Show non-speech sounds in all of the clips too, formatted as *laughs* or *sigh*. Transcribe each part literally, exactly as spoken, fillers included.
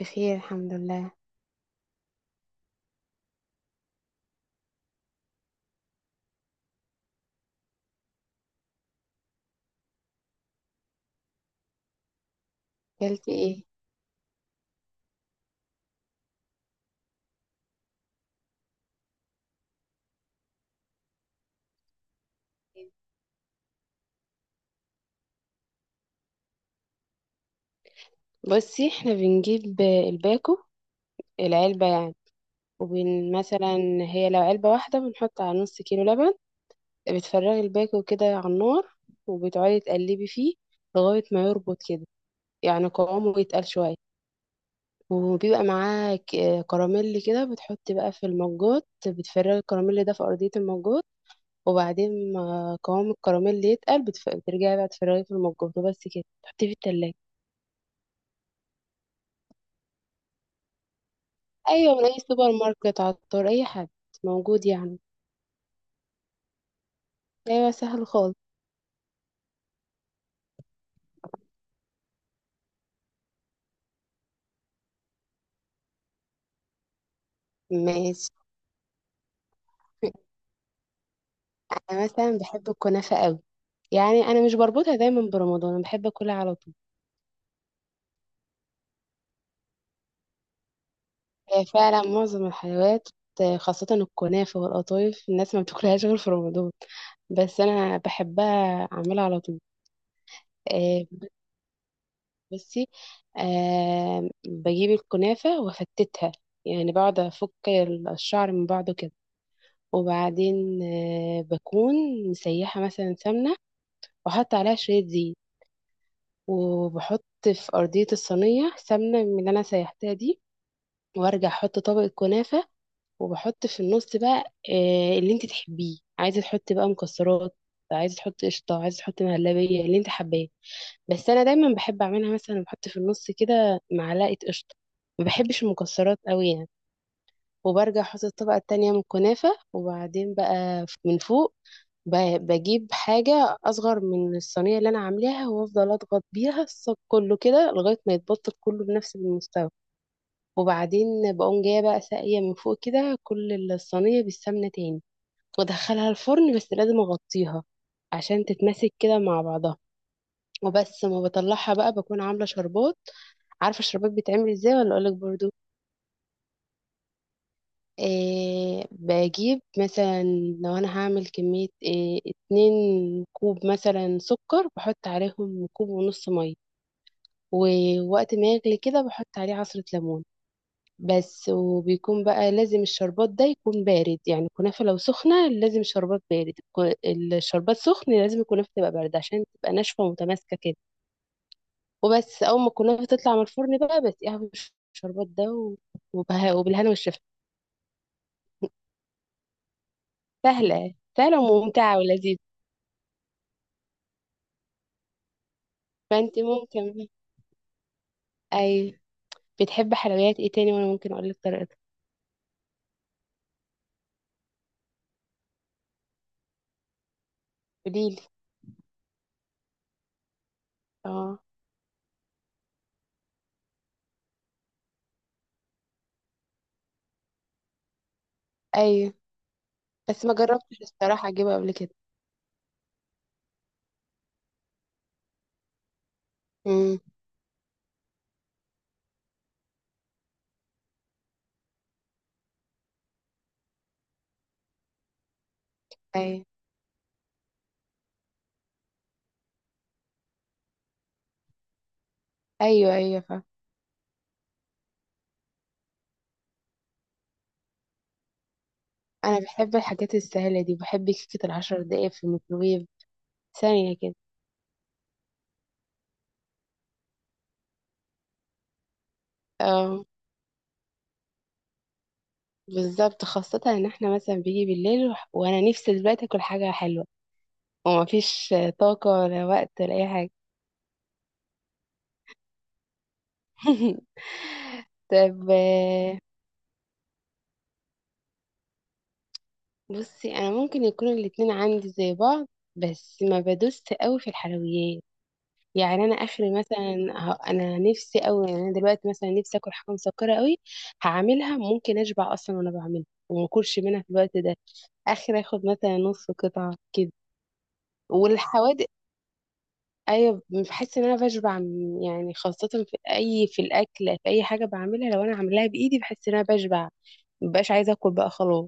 بخير، الحمد لله. اكلتي ايه؟ بصي، احنا بنجيب الباكو، العلبة يعني، وبن مثلا. هي لو علبة واحدة بنحط على نص كيلو لبن. بتفرغي الباكو كده على النار وبتقعدي تقلبي فيه لغاية ما يربط كده، يعني قوامه يتقل شوية، وبيبقى معاه ك- كراميل كده. بتحطي بقى في المجات، بتفرغي الكراميل ده في أرضية المجات، وبعدين ما قوام الكراميل يتقل بتف- بترجعي بقى تفرغيه في المجات وبس كده تحطيه في التلاجة. ايوه، من اي سوبر ماركت، عطار، اي حد موجود يعني. ايوه، سهل خالص. ماشي. *laughs* انا مثلا بحب الكنافه قوي، يعني انا مش بربطها دايما برمضان، انا بحب اكلها على طول. هي فعلا معظم الحلويات، آه، خاصه الكنافه والقطايف، الناس ما بتاكلهاش غير في رمضان، بس انا بحبها اعملها على طول. آه بصي، آه بجيب الكنافه وافتتها، يعني بقعد افك الشعر من بعضه كده. وبعدين آه، بكون مسيحة مثلا سمنة وأحط عليها شوية زيت، وبحط في أرضية الصينية سمنة من اللي أنا سيحتها دي، وأرجع أحط طبقة كنافة. وبحط في النص بقى آه، اللي انت تحبيه، عايزة تحطي بقى مكسرات، عايزة تحطي قشطة، عايزة تحطي مهلبية، اللي انت حباه. بس أنا دايما بحب أعملها مثلا بحط في النص كده معلقة قشطة، ما بحبش المكسرات قوي يعني. وبرجع احط الطبقة التانية من الكنافة، وبعدين بقى من فوق ب- بجيب حاجة أصغر من الصينية اللي أنا عاملاها وأفضل أضغط بيها الصاج كله كده لغاية ما يتبطط كله بنفس المستوى. وبعدين بقوم جاية بقى ساقية من فوق كده كل الصينية بالسمنة تاني، وأدخلها الفرن، بس لازم أغطيها عشان تتماسك كده مع بعضها. وبس ما بطلعها بقى بكون عاملة شربات. عارفة الشربات بيتعمل ازاي ولا أقولك برضو؟ إيه، بجيب مثلا، لو انا هعمل كمية إيه، اتنين كوب مثلا سكر بحط عليهم كوب ونص مية، ووقت ما يغلي كده بحط عليه عصرة ليمون بس. وبيكون بقى لازم الشربات ده يكون بارد، يعني الكنافة لو سخنة لازم الشربات بارد، الك- الشربات سخن لازم الكنافة تبقى باردة عشان تبقى ناشفة ومتماسكة كده. وبس أول ما الكنافة تطلع من الفرن بقى بسقيها بالشربات ده، وبه- وبالهنا والشفا. سهلة سهلة وممتعة ولذيذة. فانت ممكن، ايوه. بتحب حلويات ايه تاني وانا ممكن اقول لك طريقتها؟ قوليلي. اه. ايوه، بس ما جربتش الصراحه اجيبها قبل كده. امم. ايوه، ايوه، ايوه، فا انا بحب الحاجات السهله دي، بحب كيكه العشر دقايق في الميكروويف ثانيه كده. اه، بالظبط، خاصه ان احنا مثلا بيجي بالليل وح- وانا نفسي دلوقتي اكل حاجه حلوه ومفيش طاقه ولا وقت ولا اي حاجه. *laughs* طب، بصي انا ممكن يكونوا الاتنين عندي زي بعض، بس ما بدوست قوي في الحلويات، يعني انا اخري مثلا ه- انا نفسي قوي، يعني انا دلوقتي مثلا نفسي اكل حاجه مسكره قوي، هعملها ممكن اشبع اصلا وانا بعملها وما اكلش منها في الوقت ده، اخر اخد مثلا نص قطعه كده. والحوادق ايوه، بحس ان انا بشبع م- يعني خاصه في اي في الاكل في اي حاجه بعملها، لو انا عاملاها بايدي بحس ان انا بشبع، مبقاش عايزه اكل بقى خلاص.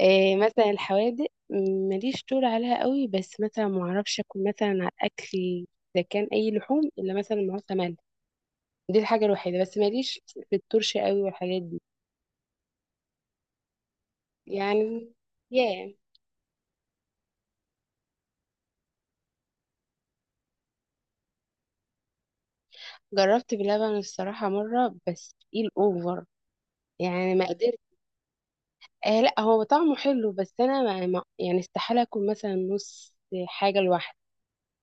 إيه مثلا الحوادق م- ماليش طول عليها قوي، بس مثلا ما اعرفش اكل مثلا على الاكل اذا كان اي لحوم الا مثلا معاه سمن، دي الحاجه الوحيده، بس ماليش في الترش قوي والحاجات دي، يعني. ياه. جربت بلبن الصراحه مره بس تقيل اوفر، يعني ما قدرت. آه لا، هو طعمه حلو، بس انا ما ما- يعني استحاله اكل مثلا نص حاجه لوحدي.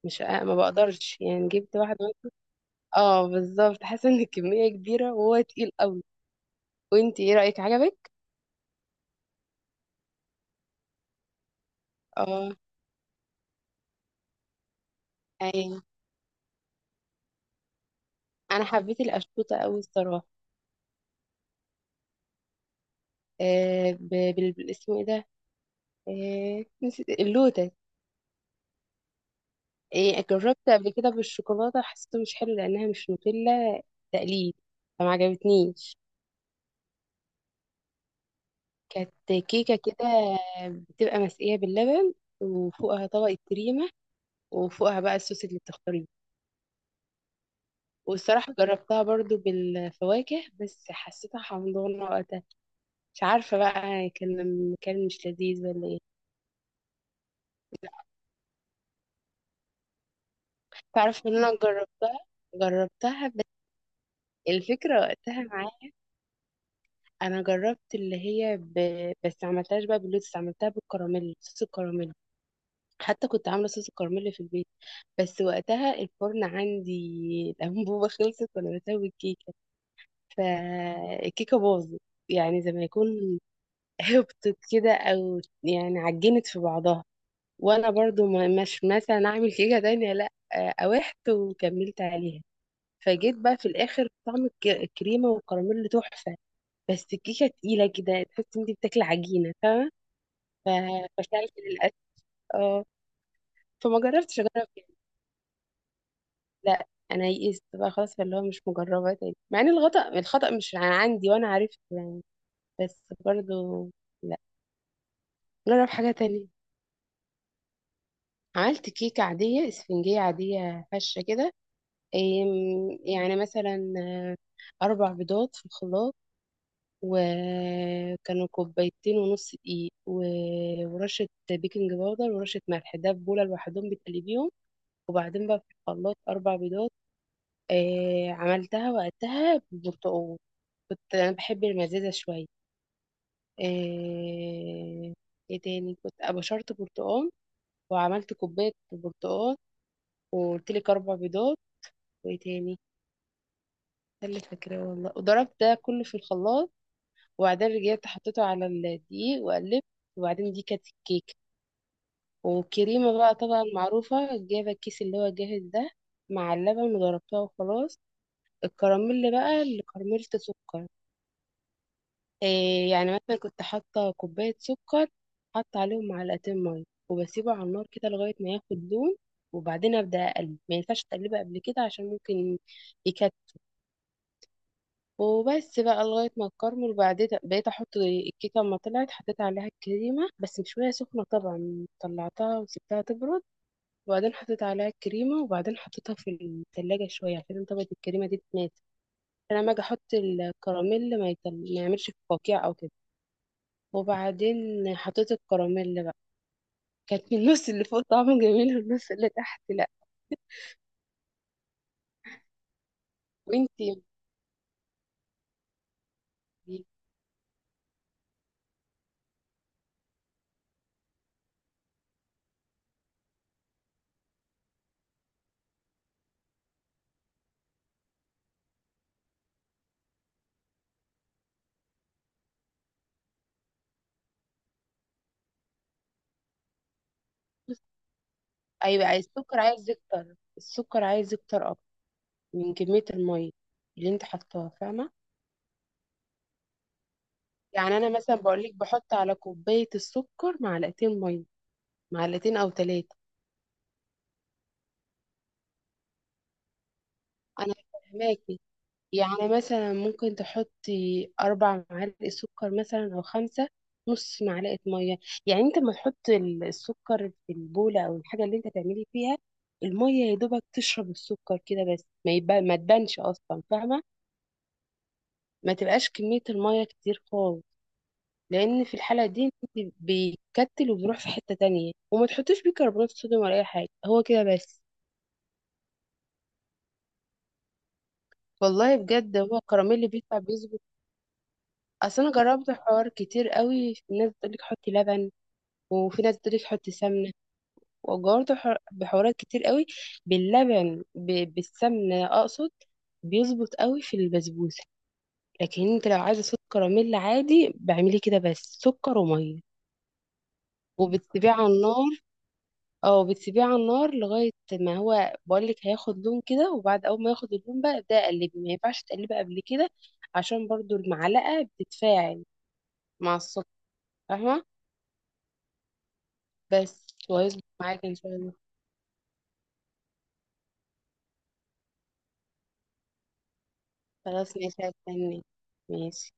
مش آه، ما بقدرش، يعني جبت واحده. اه بالظبط، حاسه ان الكميه كبيره وهو تقيل قوي. وانت ايه رايك، عجبك؟ اه. ايوه، انا حبيت الاشطوطه قوي الصراحه. آه ب- بال بالاسم ايه ده؟ آه نسيت، اللوتس. آه جربت قبل كده بالشوكولاته، حسيته مش حلو لانها مش نوتيلا، تقليد، فما عجبتنيش. كانت كيكه كده، بتبقى مسقيه باللبن، وفوقها طبقه كريمه، وفوقها بقى الصوص اللي بتختاريه. والصراحه جربتها برضو بالفواكه بس حسيتها حمضانه وقتها، مش عارفه بقى، كان كان مش لذيذ ولا ايه. تعرف ان انا جربتها، جربتها بس الفكرة وقتها معايا. انا جربت اللي هي ب... بس عملتهاش بقى باللوتس، عملتها بالكراميل، صوص الكراميل، حتى كنت عاملة صوص الكراميل في البيت. بس وقتها الفرن عندي *laughs* الأنبوبة خلصت وانا بسوي الكيكة، فالكيكة باظت، يعني زي ما يكون *laughs* هبطت كده او يعني عجنت في بعضها. وانا برضو ما- مش مثلا اعمل كيكة تانية، لا، آه، قاوحت وكملت عليها. فجيت بقى في الاخر طعم الك- الكريمه والكراميل تحفه، بس الكيكه تقيله كده تحس انت بتاكلي عجينه فاهمه. ف- فشلت للاسف. اه. فما جربتش اجرب تاني، لا، انا يئست بقى خلاص، فاللي هو مش مجربه تاني، مع ان الخطا الخطا مش عندي وانا عرفت يعني، بس برضو لا. جرب حاجه تانية. عملت كيكه عاديه اسفنجيه عاديه هشه كده. إيه، يعني مثلا آه، اربع بيضات في الخلاط، وكانوا كوبايتين ونص دقيق و- ورشة بيكنج باودر ورشة ملح، ده في بولة لوحدهم بتقلبيهم. وبعدين بقى في الخلاط أربع بيضات. آه عملتها وقتها بالبرتقال، كنت أنا بحب المزازة شوية. آه ايه تاني، كنت أبشرت برتقال وعملت كوباية برتقال، وقلت لك أربع بيضات، وايه تاني؟ ده اللي فاكراه والله. وضربت ده كله في الخلاط، وبعدين رجعت حطيته على الدقيق وقلبت، وبعدين دي كانت الكيكة. والكريمة بقى طبعا معروفة، جايبة الكيس اللي هو جاهز ده مع اللبن وضربتها وخلاص. الكراميل بقى اللي كرملت سكر، إيه يعني مثلا كنت حاطة كوباية سكر، حاطة عليهم معلقتين مية، وبسيبه على النار كده لغاية ما ياخد لون، وبعدين أبدأ أقلب، ما ينفعش تقلبه قبل كده عشان ممكن يكتل. وبس بقى لغاية ما الكرمل. وبعدين بقيت أحط الكيكة، أما طلعت حطيت عليها الكريمة، بس مش وهي سخنة طبعا، طلعتها وسبتها تبرد، وبعدين حطيت عليها الكريمة، وبعدين حطيتها في التلاجة شوية عشان طبقة الكريمة دي تتناسف، عشان لما أجي أحط الكراميل ما, يتل... ما يعملش قوقيع أو كده. وبعدين حطيت الكراميل بقى، كانت من النص اللي فوق طعمه جميل والنص اللي تحت لأ. وانتي. أيوة، عايز السكر، عايز يكتر، السكر عايز يكتر أكتر من كمية المية اللي انت حطاها، فاهمة؟ يعني أنا مثلا بقولك بحط على كوباية السكر معلقتين مية، معلقتين أو تلاتة. أنا فاهماكي. يعني مثلا ممكن تحطي أربع معالق سكر مثلا أو خمسة، نص معلقة مية. يعني أنت ما تحط ال- السكر في البولة أو الحاجة اللي أنت تعملي فيها، المية يا دوبك تشرب السكر كده بس، ما يبقى ما تبانش أصلا، فاهمة؟ ما تبقاش كمية المية كتير خالص، لأن في الحالة دي أنت بيكتل وبيروح في حتة تانية. وما تحطيش بيكربونات صوديوم ولا أي حاجة، هو كده بس. والله بجد، هو الكراميل اللي بيطلع بيظبط. اصل انا جربت حوار كتير قوي، الناس بتقول لك حطي لبن، وفي ناس بتقولي تحط سمنة، وجربت بح- بحوارات كتير قوي، باللبن ب- بالسمنة أقصد، بيظبط قوي في البسبوسة. لكن انت لو عايزة سكر كراميل عادي بعملي كده بس، سكر ومية، وبتسيبيه على النار، او بتسيبيه على النار لغاية ما هو بقولك هياخد لون كده، وبعد اول ما ياخد اللون بقى ابدأي قلبي، ما ينفعش تقلبي قبل كده عشان برضو المعلقة بتتفاعل مع السكر، فاهمة؟ بس، وهيظبط معاك ان شاء الله. خلاص، ماشي، هستناك. ماشي.